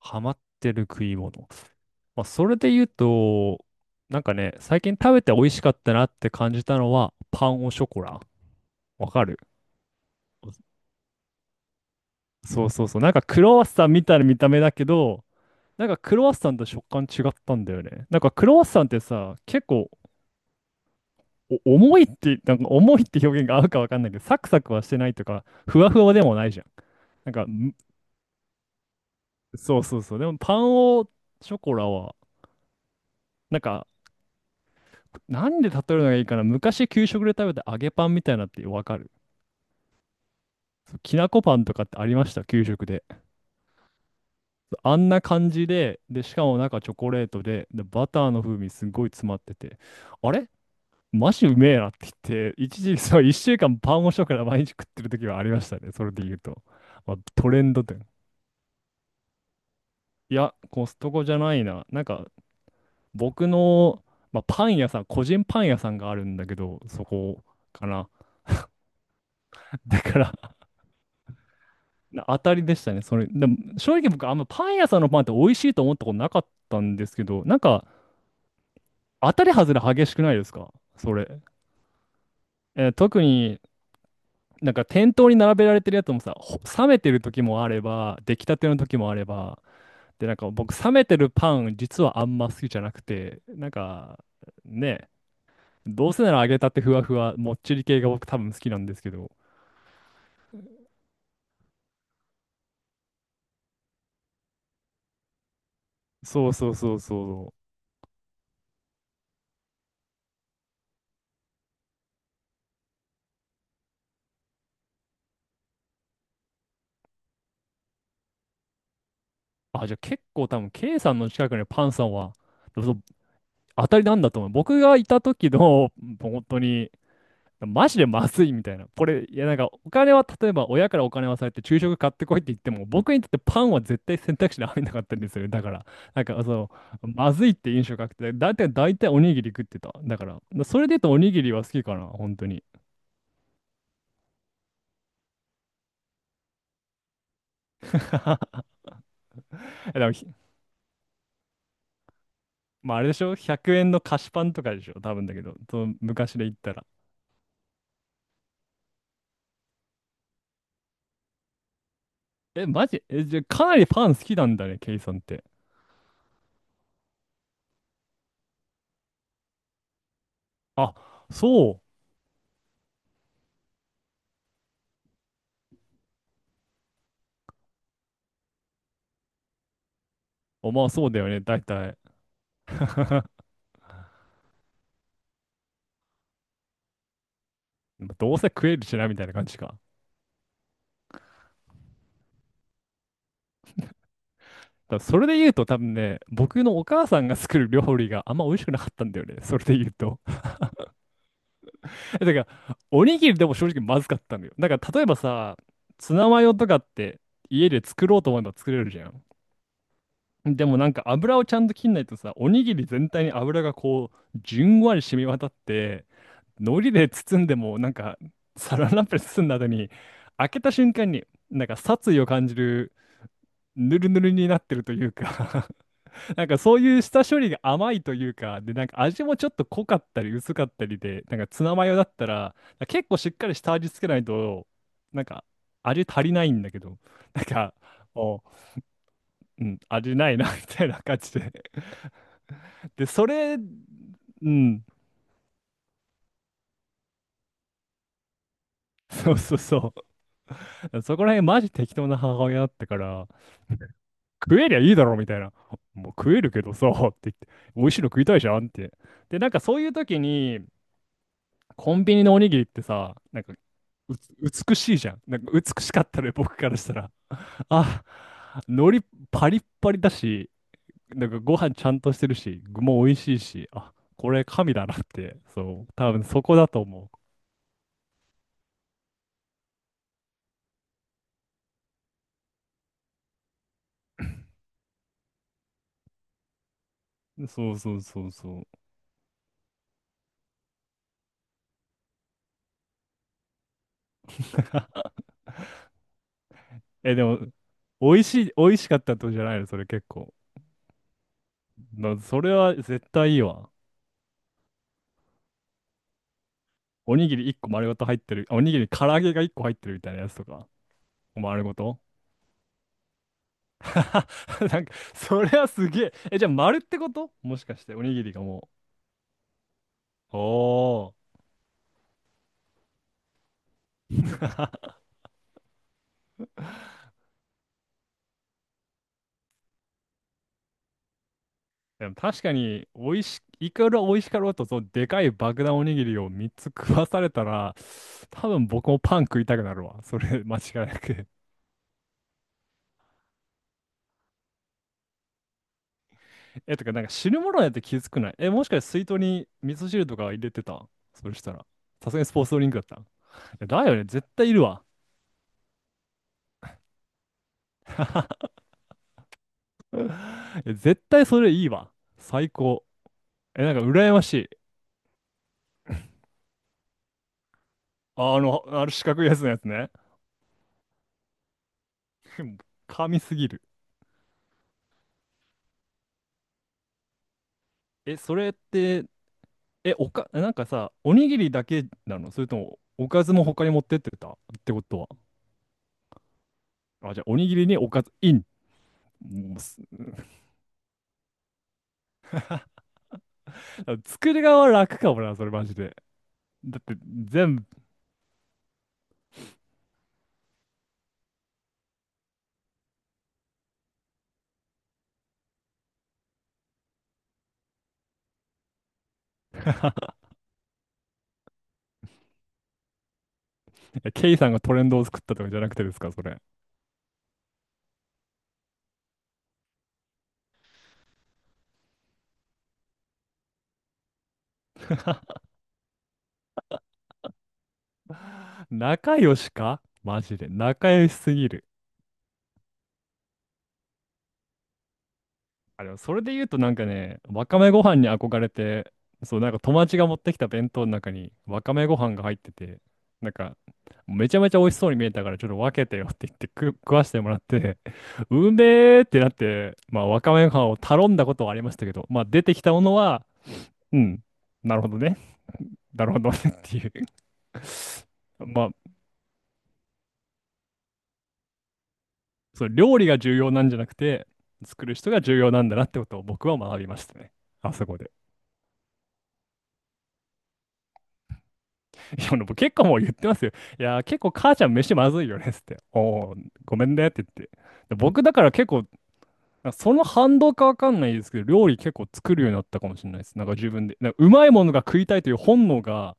ハマってる食い物。まあ、それで言うと、最近食べて美味しかったなって感じたのは、パンオショコラ。わかる。そうそうそう。クロワッサンみたいな見た目だけど、クロワッサンと食感違ったんだよね。なんかクロワッサンってさ、結構お重いって、なんか重いって表現が合うかわかんないけど、サクサクはしてないとか、ふわふわでもないじゃん。なんか、むそうそうそう。でもパンオショコラは、なんかなんで例えるのがいいかな。昔給食で食べた揚げパンみたいなってわかる？そう、きなこパンとかってありました？給食で。そう、あんな感じで、で、しかも中チョコレートで、で、バターの風味すごい詰まってて、あれマジうめえなって言って、一時そう、一週間パンをしよから毎日食ってる時はありましたね。それで言うと。まあ、トレンド店。いや、コストコじゃないな。僕の、まあ、パン屋さん、個人パン屋さんがあるんだけど、そこかな。だからな当たりでしたね。それ、でも正直僕、あんまパン屋さんのパンって美味しいと思ったことなかったんですけど、当たり外れ激しくないですかそれ。えー、特になんか店頭に並べられてるやつもさ、冷めてる時もあれば、出来たての時もあれば、で、なんか僕、冷めてるパン、実はあんま好きじゃなくて、ね、どうせなら揚げたてふわふわ、もっちり系が僕多分好きなんですけど、そうそうそうそう。あ、じゃあ結構多分、K さんの近くにパンさんは、そう当たりなんだと思う。僕がいた時の、本当に、マジでまずいみたいな。これ、いやなんか、お金は、例えば親からお金はされて、昼食買ってこいって言っても、僕にとってパンは絶対選択肢に入んなかったんですよね。だから、なんかそまずいって印象がなくて、だいたい、おにぎり食ってた。だから、それで言うとおにぎりは好きかな、本当に。でもひまあ、あれでしょ？ 100 円の菓子パンとかでしょ多分だけど、その昔で言ったら。え、マジ？え、じゃあ、かなりパン好きなんだね、ケイさんって。あ、そう。お、まあ、そうだよね、だいたい。どうせ食えるしな、みたいな感じか。だからそれで言うと、多分ね、僕のお母さんが作る料理があんま美味しくなかったんだよね、それで言うと。だから、おにぎりでも正直まずかったのよ。だから、例えばさ、ツナマヨとかって家で作ろうと思えば作れるじゃん。でもなんか油をちゃんと切んないとさ、おにぎり全体に油がこう、じゅんわり染み渡って、海苔で包んでも、なんか、サランラップで包んだ後に、開けた瞬間に、なんか殺意を感じる、ぬるぬるになってるというか。 なんかそういう下処理が甘いというか、で、なんか味もちょっと濃かったり薄かったりで、なんかツナマヨだったら、結構しっかり下味つけないと、なんか味足りないんだけど、なんか、お、うん、味ないな みたいな感じで で、それ、うん、そうそうそう。そこら辺マジ適当な母親だったから、食えりゃいいだろみたいな。もう食えるけどさ、って言って、美味しいの食いたいじゃんって。で、なんかそういう時に、コンビニのおにぎりってさ、なんかう美しいじゃん。なんか美しかったね、僕からしたら。あ、海苔パリッパリだし、なんかご飯ちゃんとしてるし、具も美味しいし、あ、これ神だなって、そう、多分そこだと思う。そうそうそうそう。え、でも、美味しかったってことじゃないのそれ結構。な、それは絶対いいわ。おにぎり1個丸ごと入ってる？あ、おにぎり唐揚げが1個入ってるみたいなやつとか。丸ごと。 なんか、それはすげえ。え、じゃあ丸ってこともしかして、おにぎりがもう。おー。でも確かに、美味し、いくら美味しかろうと、そう、でかい爆弾おにぎりを3つ食わされたら、多分僕もパン食いたくなるわ。それ、間違いなく。え、とか、なんか汁物やって気づくない？え、もしかして水筒に味噌汁とか入れてた？それしたら。さすがにスポーツドリンクだった？えだよね、絶対いるわ。え、絶対それいいわ。最高。え、なんか羨ましい。あ、あの、ある四角いやつのやつね。神すぎる。え、それって、え、おか、なんかさ、おにぎりだけなの？それとも、おかずも他に持ってってたってことは。あ、じゃあ、おにぎりにおかずイン。もうす 作り側は楽かもな、それマジで。だって、全部えケイさんがトレンドを作ったとかじゃなくてですか、それ。仲良しかマジで。仲良しすぎる。あ、でもそれで言うとなんかね、わかめご飯に憧れて、そう、なんか友達が持ってきた弁当の中にわかめご飯が入ってて、なんか、めちゃめちゃ美味しそうに見えたから、ちょっと分けてよって言って食わしてもらって、うめえってなって、まあ、わかめご飯を頼んだことはありましたけど、まあ、出てきたものは、うん、なるほどね。なるほどねっていう。 まあ、その料理が重要なんじゃなくて、作る人が重要なんだなってことを僕は学びましたね。あそこで。いや、僕結構もう言ってますよ。いや、結構母ちゃん飯まずいよねっつって。お、お、ごめんねって言って。で僕だから結構、その反動かわかんないですけど、料理結構作るようになったかもしれないです。なんか自分で。なんかうまいものが食いたいという本能が、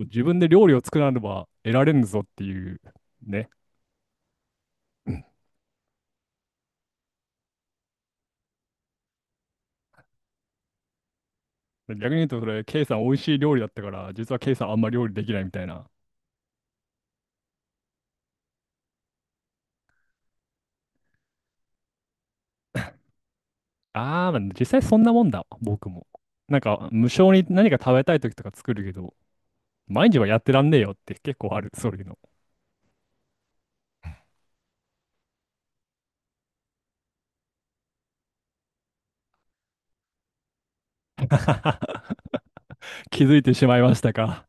自分で料理を作らねば得られんぞっていうね。逆に言うと、それ、ケイさん美味しい料理だったから、実はケイさんあんま料理できないみたいな。ああ、まあ実際そんなもんだわ、僕も。なんか、無償に何か食べたい時とか作るけど、毎日はやってらんねえよって結構ある、そういうの。気づいてしまいましたか。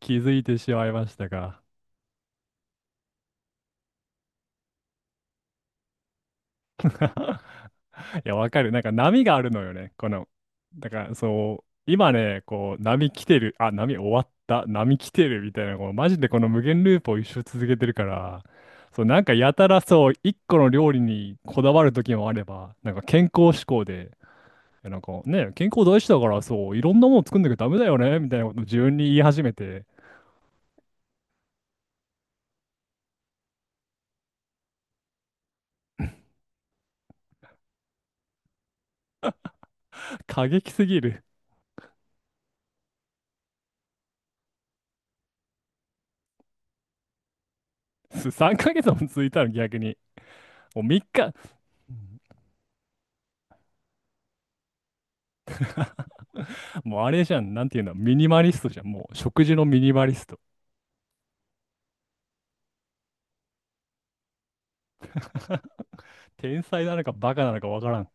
気づいてしまいましたか。いや、わかる。なんか波があるのよね。だからそう、今ね、こう、波来てる、あ、波終わった、波来てるみたいな、こう、マジでこの無限ループを一生続けてるから、そう、なんかやたらそう、一個の料理にこだわる時もあれば、なんか健康志向で、でなんかね、健康大事だからそう、いろんなもの作んなきゃダメだよね、みたいなことを自分に言い始めて、過激すぎる。3ヶ月も続いたの逆に。もう3日、もうあれじゃん、なんていうの、ミニマリストじゃん。もう食事のミニマリスト。天才なのかバカなのかわからん。